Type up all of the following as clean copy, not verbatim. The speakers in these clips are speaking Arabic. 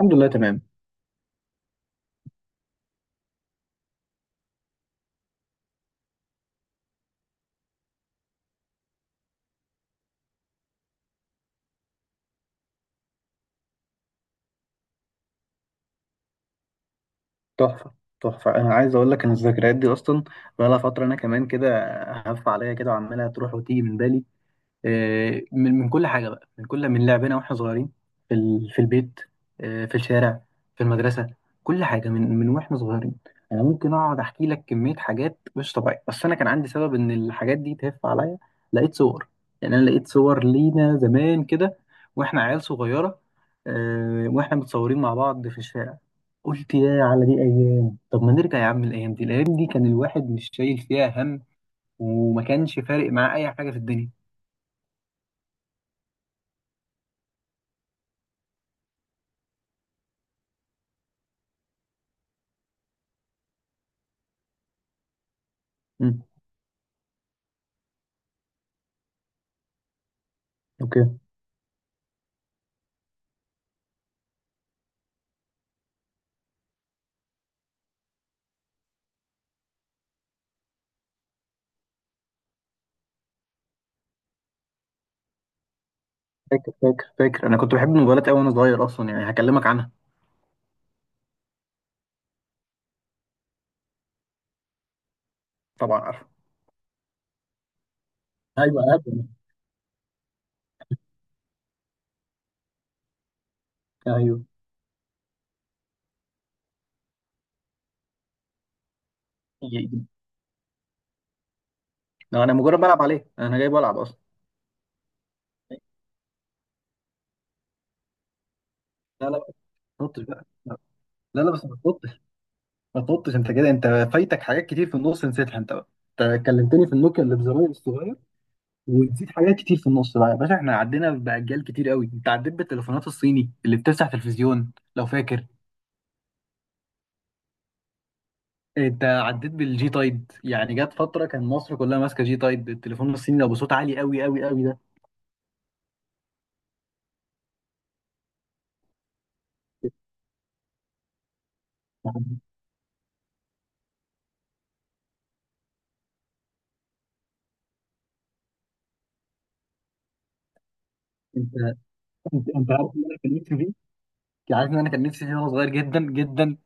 الحمد لله تمام. تحفة. تحفة، أنا عايز أقول لك إن الذكريات دي أصلا بقالها فترة أنا كمان كده هف عليا كده وعمالة تروح وتيجي من بالي. من كل حاجه بقى، من كل من لعبنا واحنا صغيرين في البيت، في الشارع، في المدرسه، كل حاجه من واحنا صغيرين. انا ممكن اقعد احكي لك كميه حاجات مش طبيعيه، بس انا كان عندي سبب ان الحاجات دي تهف عليا. لقيت صور، يعني انا لقيت صور لينا زمان كده واحنا عيال صغيره، واحنا متصورين مع بعض في الشارع. قلت يا على دي ايام، طب ما نرجع يا عم، الايام دي الايام دي كان الواحد مش شايل فيها هم وما كانش فارق معاه اي حاجه في الدنيا. مم. اوكي. فاكر فاكر فاكر، انا كنت بحب الموبايلات قوي وانا صغير اصلا، يعني هكلمك عنها. طبعا عارف. ايوه ابدا. ايوه. ي- ي- انا مجرد بلعب عليه، انا جاي بلعب اصلا. لا لا، ما تنطش بقى، لا. لا بس ما تنطش، ما تنطش، انت كده، انت فايتك حاجات كتير في النص نسيتها انت بقى. انت كلمتني في النوكيا اللي بزراير الصغير ونسيت حاجات كتير في النص بقى يا باشا. احنا عدينا باجيال كتير قوي، انت عديت بالتليفونات الصيني اللي بتفتح تلفزيون لو فاكر. انت عديت بالجي تايد، يعني جت فتره كان مصر كلها ماسكه جي تايد التليفون الصيني ده بصوت عالي قوي قوي قوي. يعني انت انت عارف ان انا كان نفسي فيه، يعني عارف ان انا كان نفسي فيه وانا صغير جدا جدا.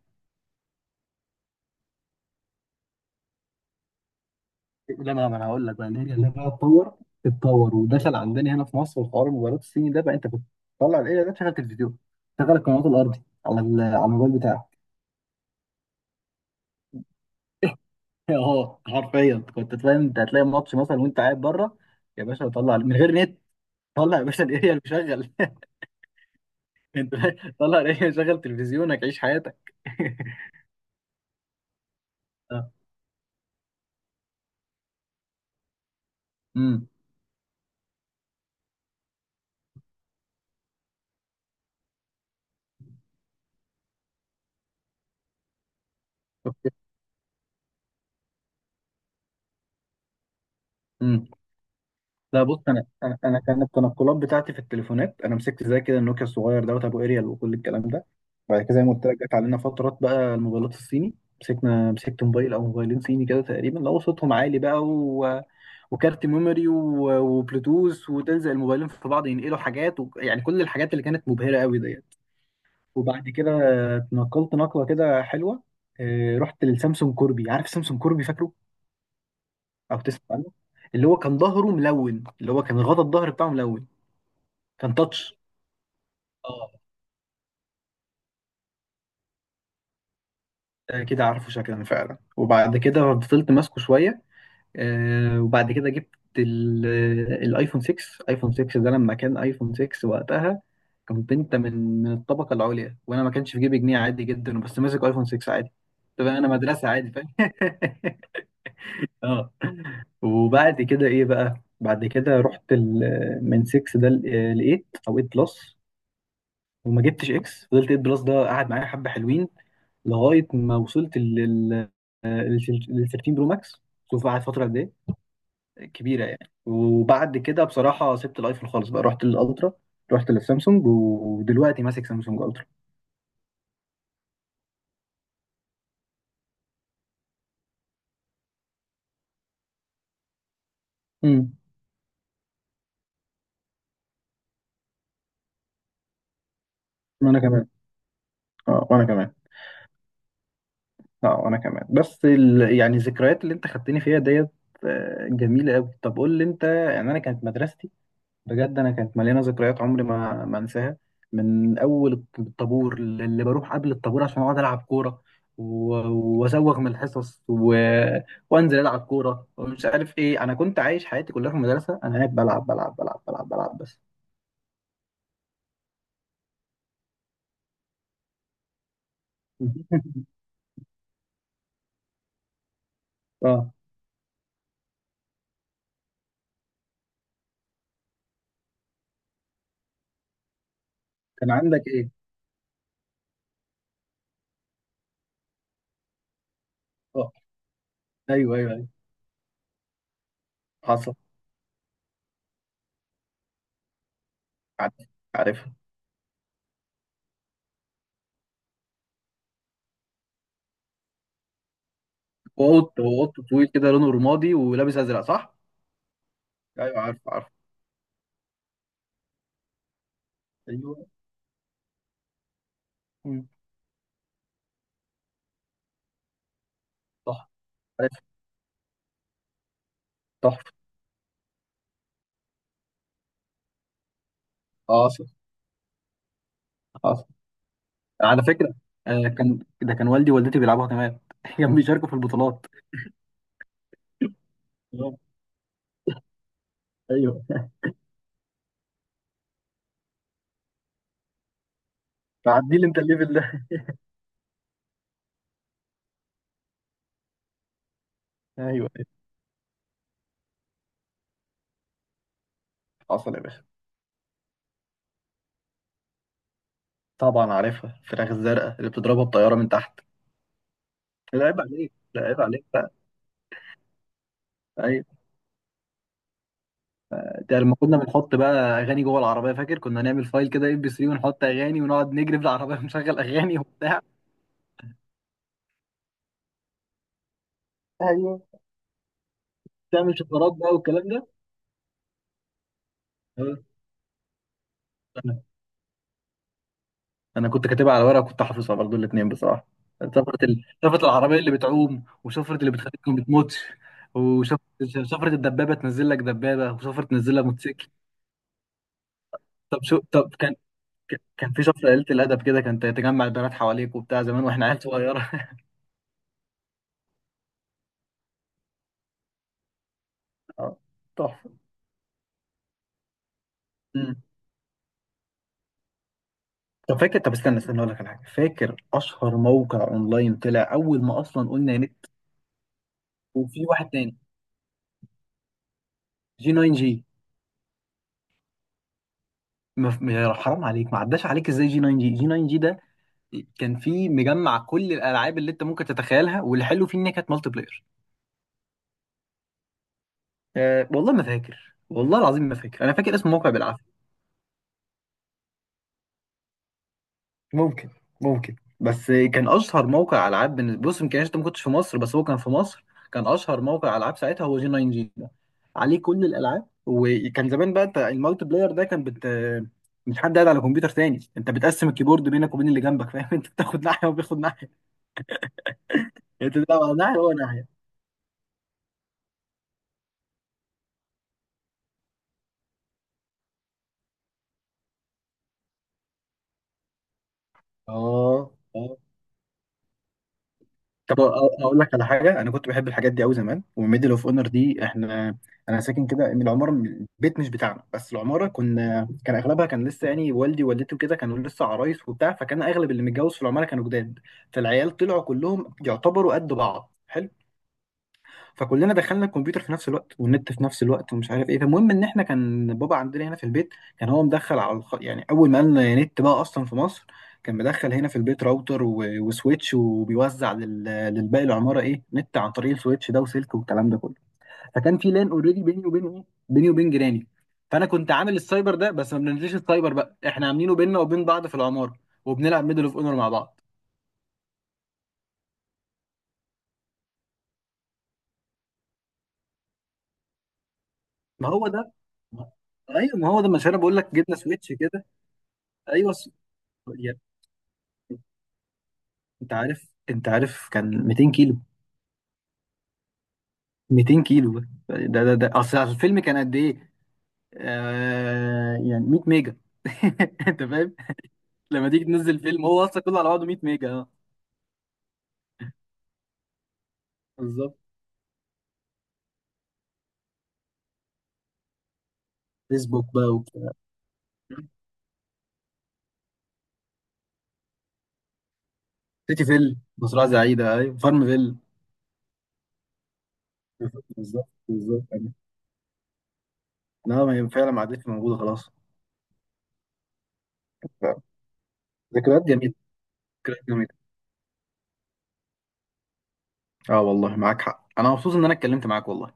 لما، ما انا هقول لك بقى ان هي لما اتطور، اتطور ودخل عندنا هنا في مصر وحوار الموبايلات الصيني ده بقى، انت بتطلع الايه ده تشغل تلفزيون، تشغل القنوات الارضي على الموبايل بتاعك. اه حرفيا كنت تلاقي، انت هتلاقي ماتش مثلا وانت قاعد بره، يا باشا طلع من غير نت، طلع يا باشا الاريال وشغل. انت طلع الاريال، شغل تلفزيونك، عيش حياتك. اه. امم. اوكي. لا بص، انا أنا كان التنقلات بتاعتي في التليفونات، انا مسكت زي كده النوكيا الصغير دوت ابو اريال وكل الكلام ده. بعد كده زي ما قلت لك جت علينا فترات بقى الموبايلات الصيني، مسكت موبايل او موبايلين صيني كده تقريبا، لو صوتهم عالي بقى، وكارت ميموري، وبلوتوث، وتلزق الموبايلين في بعض ينقلوا حاجات، يعني كل الحاجات اللي كانت مبهرة قوي ديت. وبعد كده اتنقلت نقلة كده حلوة، رحت للسامسونج كوربي، عارف سامسونج كوربي؟ فاكره او تسمع عنه؟ اللي هو كان ظهره ملون، اللي هو كان غطا الظهر بتاعه ملون، كان تاتش. اه. كده عارفه شكلا فعلا. وبعد كده فضلت ماسكه شويه، وبعد كده جبت ال- الايفون 6. ايفون 6 ده لما كان ايفون 6 وقتها كنت انت من الطبقه العليا، وانا ما كانش في جيبي جنيه عادي جدا بس ماسك ايفون 6 عادي، تبقى انا مدرسه عادي فاهم. اه. وبعد كده ايه بقى؟ بعد كده رحت من 6 ده ل 8 او 8 بلس، وما جبتش اكس، فضلت 8 بلس ده قعد معايا حبه حلوين، لغايه ما وصلت لل 13 برو ماكس. شوف قعد فتره قد ايه، كبيره يعني. وبعد كده بصراحه سبت الايفون خالص بقى، رحت للالترا، رحت للسامسونج، ودلوقتي ماسك سامسونج الترا. امم. وانا كمان. اه وانا كمان. اه وانا كمان. يعني الذكريات اللي انت خدتني فيها ديت، جميله قوي. طب قول لي انت، يعني انا كانت مدرستي بجد، انا كانت مليانه ذكريات عمري ما انساها. من اول الطابور اللي بروح قبل الطابور عشان اقعد العب كوره، و- وازوغ من الحصص وانزل العب كوره ومش عارف ايه. انا كنت عايش حياتي كلها في المدرسه، انا قاعد بلعب بلعب بلعب بلعب بلعب بس. اه. كان عندك ايه؟ اه. ايوه ايوه ايوه. حصل. عارف عارف. وقط، وقط طويل كده لونه رمادي ولابس ازرق، صح؟ ايوه. عارف عارف. ايوه. مم. صح. عارف. تحفه. حاصل. حاصل، على فكرة آه، كان ده كان والدي ووالدتي بيلعبوها كمان. كانوا بيشاركوا في البطولات. ايوه، تعدي لي انت الليفل ده. ايوه. أيوة. حصل يا باشا، طبعا عارفها، الفراخ الزرقاء اللي بتضربها بطيارة من تحت. لا عيب عليك، لا عيب عليك بقى. ايوه. ده لما كنا بنحط بقى اغاني جوه العربية، فاكر كنا نعمل فايل كده ام بي 3 ونحط اغاني ونقعد نجري في العربية ونشغل اغاني وبتاع. ايوه، تعمل شفرات بقى والكلام ده. أيوة. انا كنت كاتبها على ورقه، كنت حافظها برضو الاثنين بصراحه. سفره سفره العربيه اللي بتعوم، وسفره اللي بتخليك ما بتموتش، وسفره سفره الدبابه تنزل لك دبابه، وسفره تنزل لك موتوسيكل. طب شو، طب كان، كان في سفره قليله الادب كده كانت تجمع البنات حواليك وبتاع، زمان واحنا عيال صغيره. آه، تحفه. مم. طب فاكر، طب استنى استنى، اقول لك على حاجه. فاكر اشهر موقع اونلاين طلع اول ما اصلا قلنا نت؟ وفي واحد تاني، جي 9 جي. حرام عليك، ما عداش عليك ازاي جي 9 جي؟ جي 9 جي ده كان في مجمع كل الالعاب اللي انت ممكن تتخيلها، واللي حلو فيه ان هي كانت مالتي بلاير. أه والله ما فاكر، والله العظيم ما فاكر، انا فاكر اسم موقع بالعافيه. ممكن، ممكن، بس كان اشهر موقع العاب بالنسبه، بص يمكن انت ما كنتش في مصر، بس هو كان في مصر. كان اشهر موقع العاب ساعتها هو جي 9 جي ده، عليه كل الالعاب. وكان زمان بقى انت، المالتي بلاير ده كان بت، مش حد قاعد على كمبيوتر تاني، انت بتقسم الكيبورد بينك وبين اللي جنبك فاهم. انت بتاخد ناحيه وبياخد ناحيه، انت تلعب على ناحيه وهو ناحيه. اه. اه. طب اقول لك على حاجه، انا كنت بحب الحاجات دي قوي زمان، وميدل اوف اونر دي احنا، انا ساكن كده من العماره، من البيت مش بتاعنا بس العماره، كنا كان اغلبها كان لسه يعني والدي ووالدتي وكده كانوا لسه عرايس وبتاع، فكان اغلب اللي متجوز في العماره كانوا جداد، فالعيال طلعوا كلهم يعتبروا قد بعض حلو، فكلنا دخلنا الكمبيوتر في نفس الوقت والنت في نفس الوقت ومش عارف ايه. فالمهم ان احنا كان بابا عندنا هنا في البيت، كان هو مدخل يعني اول ما قالنا نت بقى اصلا في مصر، كان مدخل هنا في البيت راوتر وسويتش، وبيوزع للباقي العماره ايه نت عن طريق السويتش ده وسلك والكلام ده كله. فكان في لان اوريدي بيني وبين ايه، بيني وبين جيراني. فانا كنت عامل السايبر ده بس ما بننزلش السايبر بقى، احنا عاملينه بيننا وبين بعض في العماره، وبنلعب ميدل اوف اونر مع بعض. ما هو ده. ايوه ما هو ده، مش انا بقول لك جبنا سويتش كده. ايوه. انت عارف، انت عارف كان 200 كيلو. 200 كيلو. ده اصل الفيلم كان قد ايه؟ آه يعني 100 ميجا. انت فاهم. لما تيجي تنزل فيلم هو اصلا كله على بعضه 100 ميجا، اه. بالظبط. فيسبوك بقى وبتاع، سيتي فيل، مزرعه سعيده ايوه، فارم فيل. بالظبط بالظبط يعني. لا، ما هي فعلا ما عادتش موجوده خلاص. ف- ذكريات جميله. ذكريات جميله. اه والله معاك حق، انا مبسوط ان انا اتكلمت معاك والله.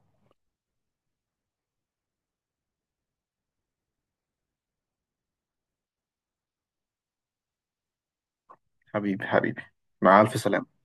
حبيبي حبيبي. مع الف سلامه.